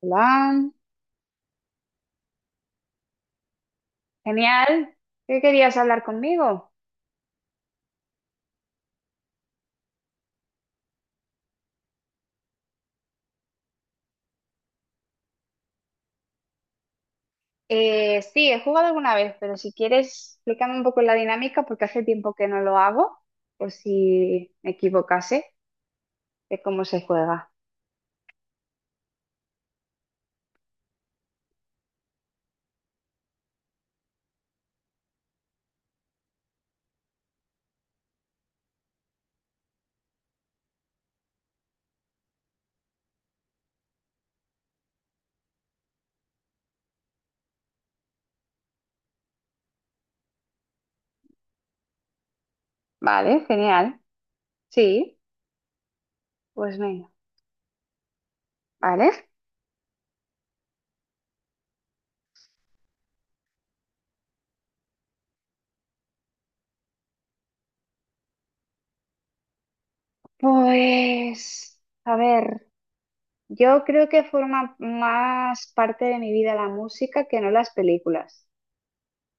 Hola, genial. ¿Qué querías hablar conmigo? Sí, he jugado alguna vez, pero si quieres, explícame un poco la dinámica porque hace tiempo que no lo hago, por si me equivocase de cómo se juega. Vale, genial. Sí, pues venga. Vale. Pues, a ver, yo creo que forma más parte de mi vida la música que no las películas.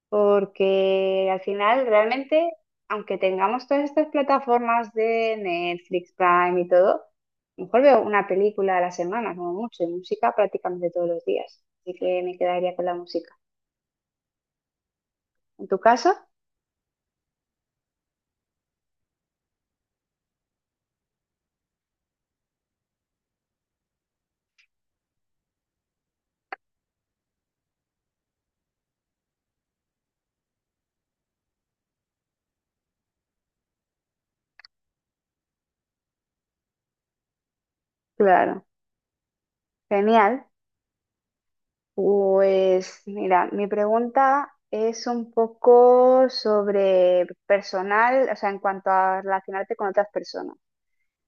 Porque al final, realmente, aunque tengamos todas estas plataformas de Netflix, Prime y todo, a lo mejor veo una película a la semana, como mucho, y música prácticamente todos los días. Así que me quedaría con la música. ¿En tu caso? Claro. Genial. Pues mira, mi pregunta es un poco sobre personal, o sea, en cuanto a relacionarte con otras personas.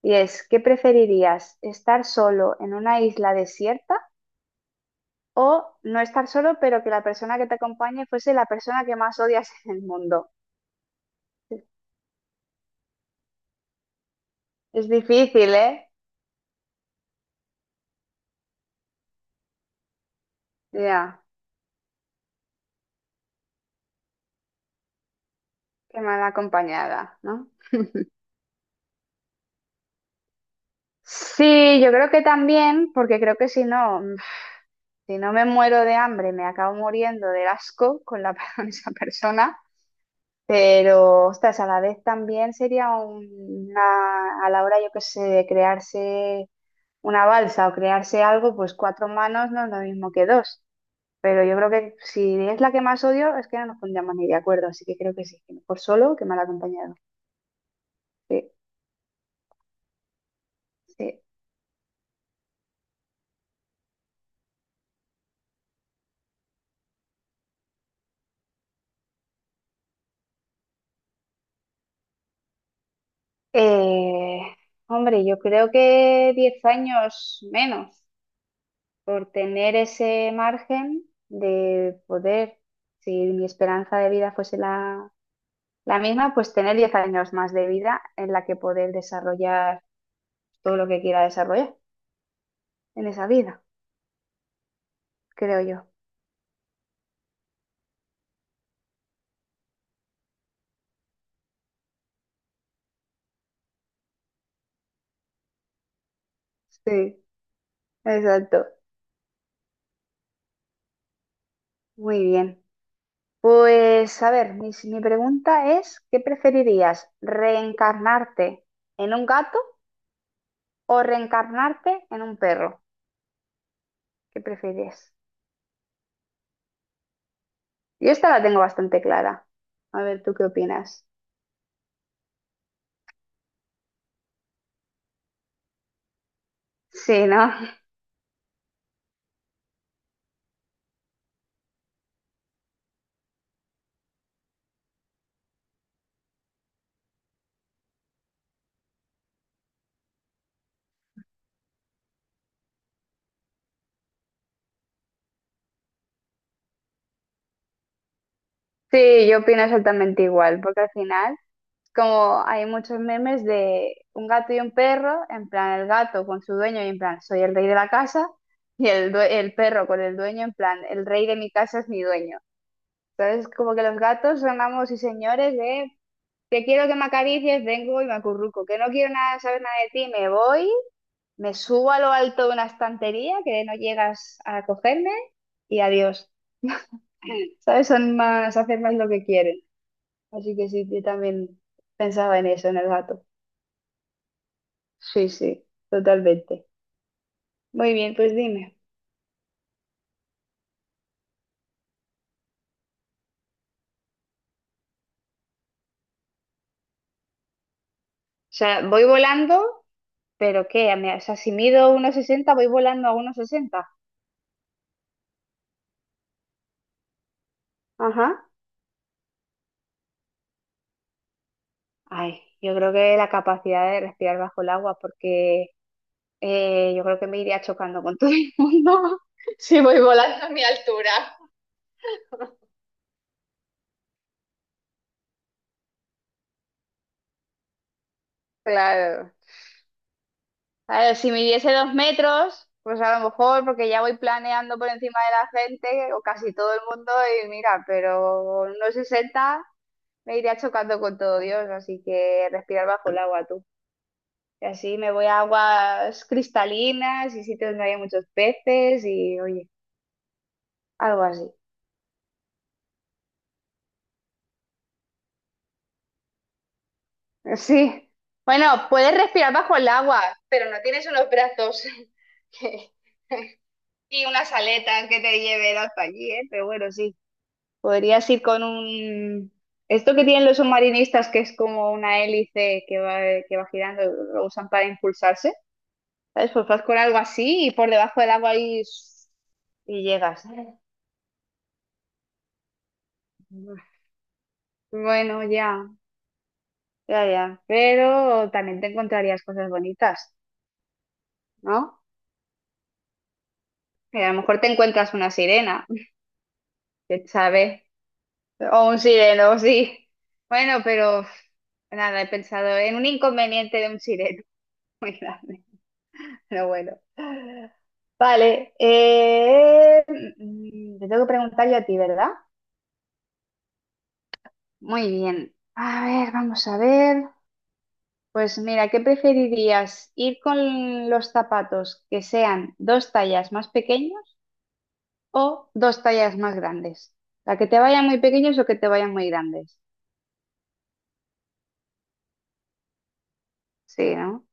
Y es, ¿qué preferirías? ¿Estar solo en una isla desierta? O no estar solo, pero que la persona que te acompañe fuese la persona que más odias en el mundo. Es difícil, ¿eh? Ya, qué mal acompañada, ¿no? Sí, yo creo que también, porque creo que si no me muero de hambre, me acabo muriendo del asco con la, con esa persona. Pero, ostras, a la vez también sería a la hora, yo qué sé, de crearse una balsa o crearse algo, pues cuatro manos no es lo mismo que dos. Pero yo creo que si es la que más odio, es que no nos pondríamos ni de acuerdo. Así que creo que sí, que mejor solo que mal acompañado. Sí, sí. Eh, Hombre, yo creo que 10 años menos por tener ese margen de poder, si mi esperanza de vida fuese la misma, pues tener 10 años más de vida en la que poder desarrollar todo lo que quiera desarrollar en esa vida, creo yo. Sí, exacto. Muy bien. Pues a ver, mi pregunta es, ¿qué preferirías? ¿Reencarnarte en un gato o reencarnarte en un perro? ¿Qué prefieres? Yo esta la tengo bastante clara. A ver, ¿tú qué opinas? Sí, ¿no? Sí, yo opino exactamente igual, porque al final, como hay muchos memes de un gato y un perro, en plan el gato con su dueño y en plan soy el rey de la casa, y el perro con el dueño en plan el rey de mi casa es mi dueño. ¿Sabes? Como que los gatos son amos y señores de que quiero que me acaricies, vengo y me acurruco, que no quiero nada, saber nada de ti, me voy, me subo a lo alto de una estantería que no llegas a cogerme y adiós. ¿Sabes? Son más, hacen más lo que quieren. Así que sí, yo también pensaba en eso, en el gato. Sí, sí, totalmente. Muy bien, pues dime. O sea, voy volando, pero ¿qué? O sea, si mido 1,60 voy volando a 1,60. Ajá. Ay, yo creo que la capacidad de respirar bajo el agua, porque yo creo que me iría chocando con todo el mundo. Si voy volando a mi altura. Claro. A ver, si midiese 2 metros, pues a lo mejor, porque ya voy planeando por encima de la gente, o casi todo el mundo, y mira, pero unos 60 me iría chocando con todo Dios, así que respirar bajo el agua tú. Y así me voy a aguas cristalinas y sitios donde hay muchos peces y, oye, algo así. Sí. Bueno, puedes respirar bajo el agua, pero no tienes unos brazos y unas aletas que te lleven hasta allí, ¿eh? Pero bueno, sí. Podrías ir con un. Esto que tienen los submarinistas, que es como una hélice que va girando, lo usan para impulsarse. ¿Sabes? Pues vas con algo así y por debajo del agua ahí y llegas. Bueno, ya, ya, ya. Pero también te encontrarías cosas bonitas, ¿no? Y a lo mejor te encuentras una sirena. ¿Quién sabe? O un sireno, sí. Bueno, pero nada, he pensado en un inconveniente de un sireno muy grande. Pero bueno. Vale. Te tengo que preguntar yo a ti, ¿verdad? Muy bien. A ver, vamos a ver. Pues mira, ¿qué preferirías? ¿Ir con los zapatos que sean dos tallas más pequeños o dos tallas más grandes? ¿La que te vayan muy pequeños o que te vayan muy grandes? Sí, ¿no?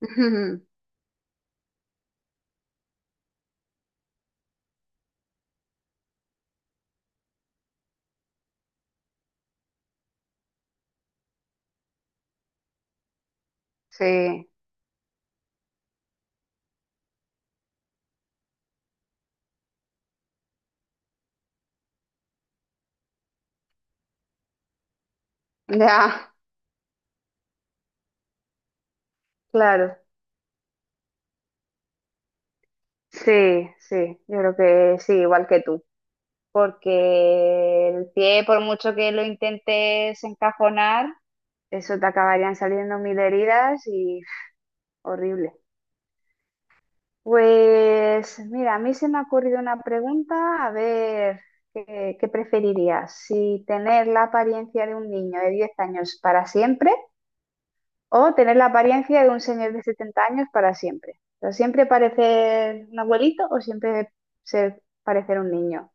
Sí, ya, claro, sí, sí, yo creo que sí, igual que tú, porque el pie, por mucho que lo intentes encajonar, eso te acabarían saliendo mil heridas y horrible. Pues mira, a mí se me ha ocurrido una pregunta, a ver, ¿qué preferirías? ¿Si tener la apariencia de un niño de 10 años para siempre? O tener la apariencia de un señor de 70 años para siempre. O sea, siempre parecer un abuelito o siempre parecer un niño.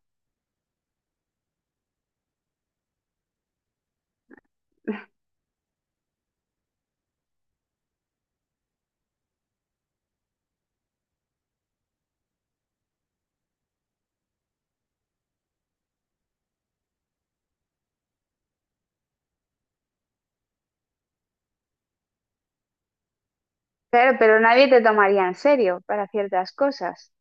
Claro, pero nadie te tomaría en serio para ciertas cosas.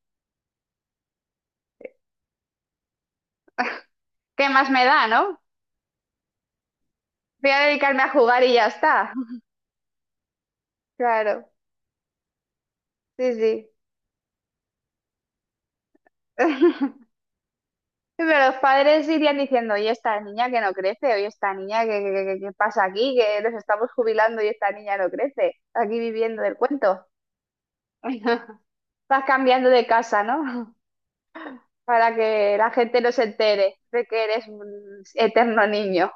¿Qué más me da, no? Voy a dedicarme a jugar y ya está. Claro, sí, sí. Pero los padres irían diciendo, oye, esta niña que no crece, oye, esta niña que pasa aquí, que nos estamos jubilando y esta niña no crece, aquí viviendo del cuento. Vas cambiando de casa, ¿no? Para que la gente no se entere de que eres un eterno niño.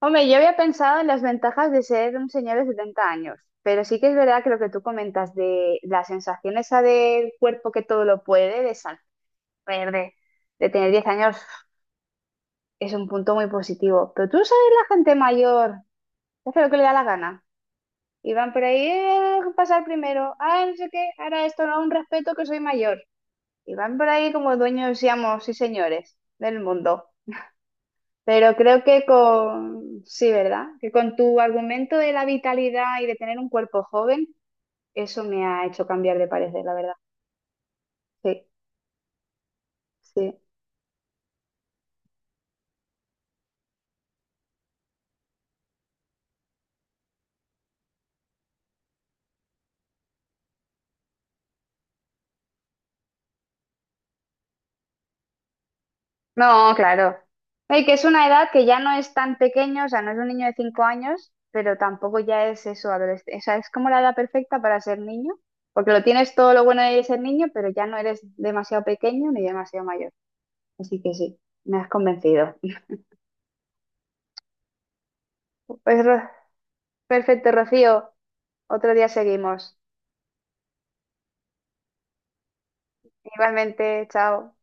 Hombre, yo había pensado en las ventajas de ser un señor de 70 años, pero sí que es verdad que lo que tú comentas de la sensación esa del cuerpo que todo lo puede, de saber, de, de tener 10 años, es un punto muy positivo. Pero tú sabes, la gente mayor que hace lo que le da la gana. Y van por ahí, pasar primero, ah, no sé qué, ahora esto no, un respeto que soy mayor." Y van por ahí como dueños, seamos, y señores, del mundo. Pero creo que sí, ¿verdad? Que con tu argumento de la vitalidad y de tener un cuerpo joven, eso me ha hecho cambiar de parecer, la verdad. Sí, sí. No, claro. No, y que es una edad que ya no es tan pequeño, o sea, no es un niño de 5 años, pero tampoco ya es eso, adolescente. O sea, es como la edad perfecta para ser niño, porque lo tienes todo lo bueno de ser niño, pero ya no eres demasiado pequeño ni demasiado mayor. Así que sí, me has convencido. Pues perfecto, Rocío. Otro día seguimos. Igualmente, chao.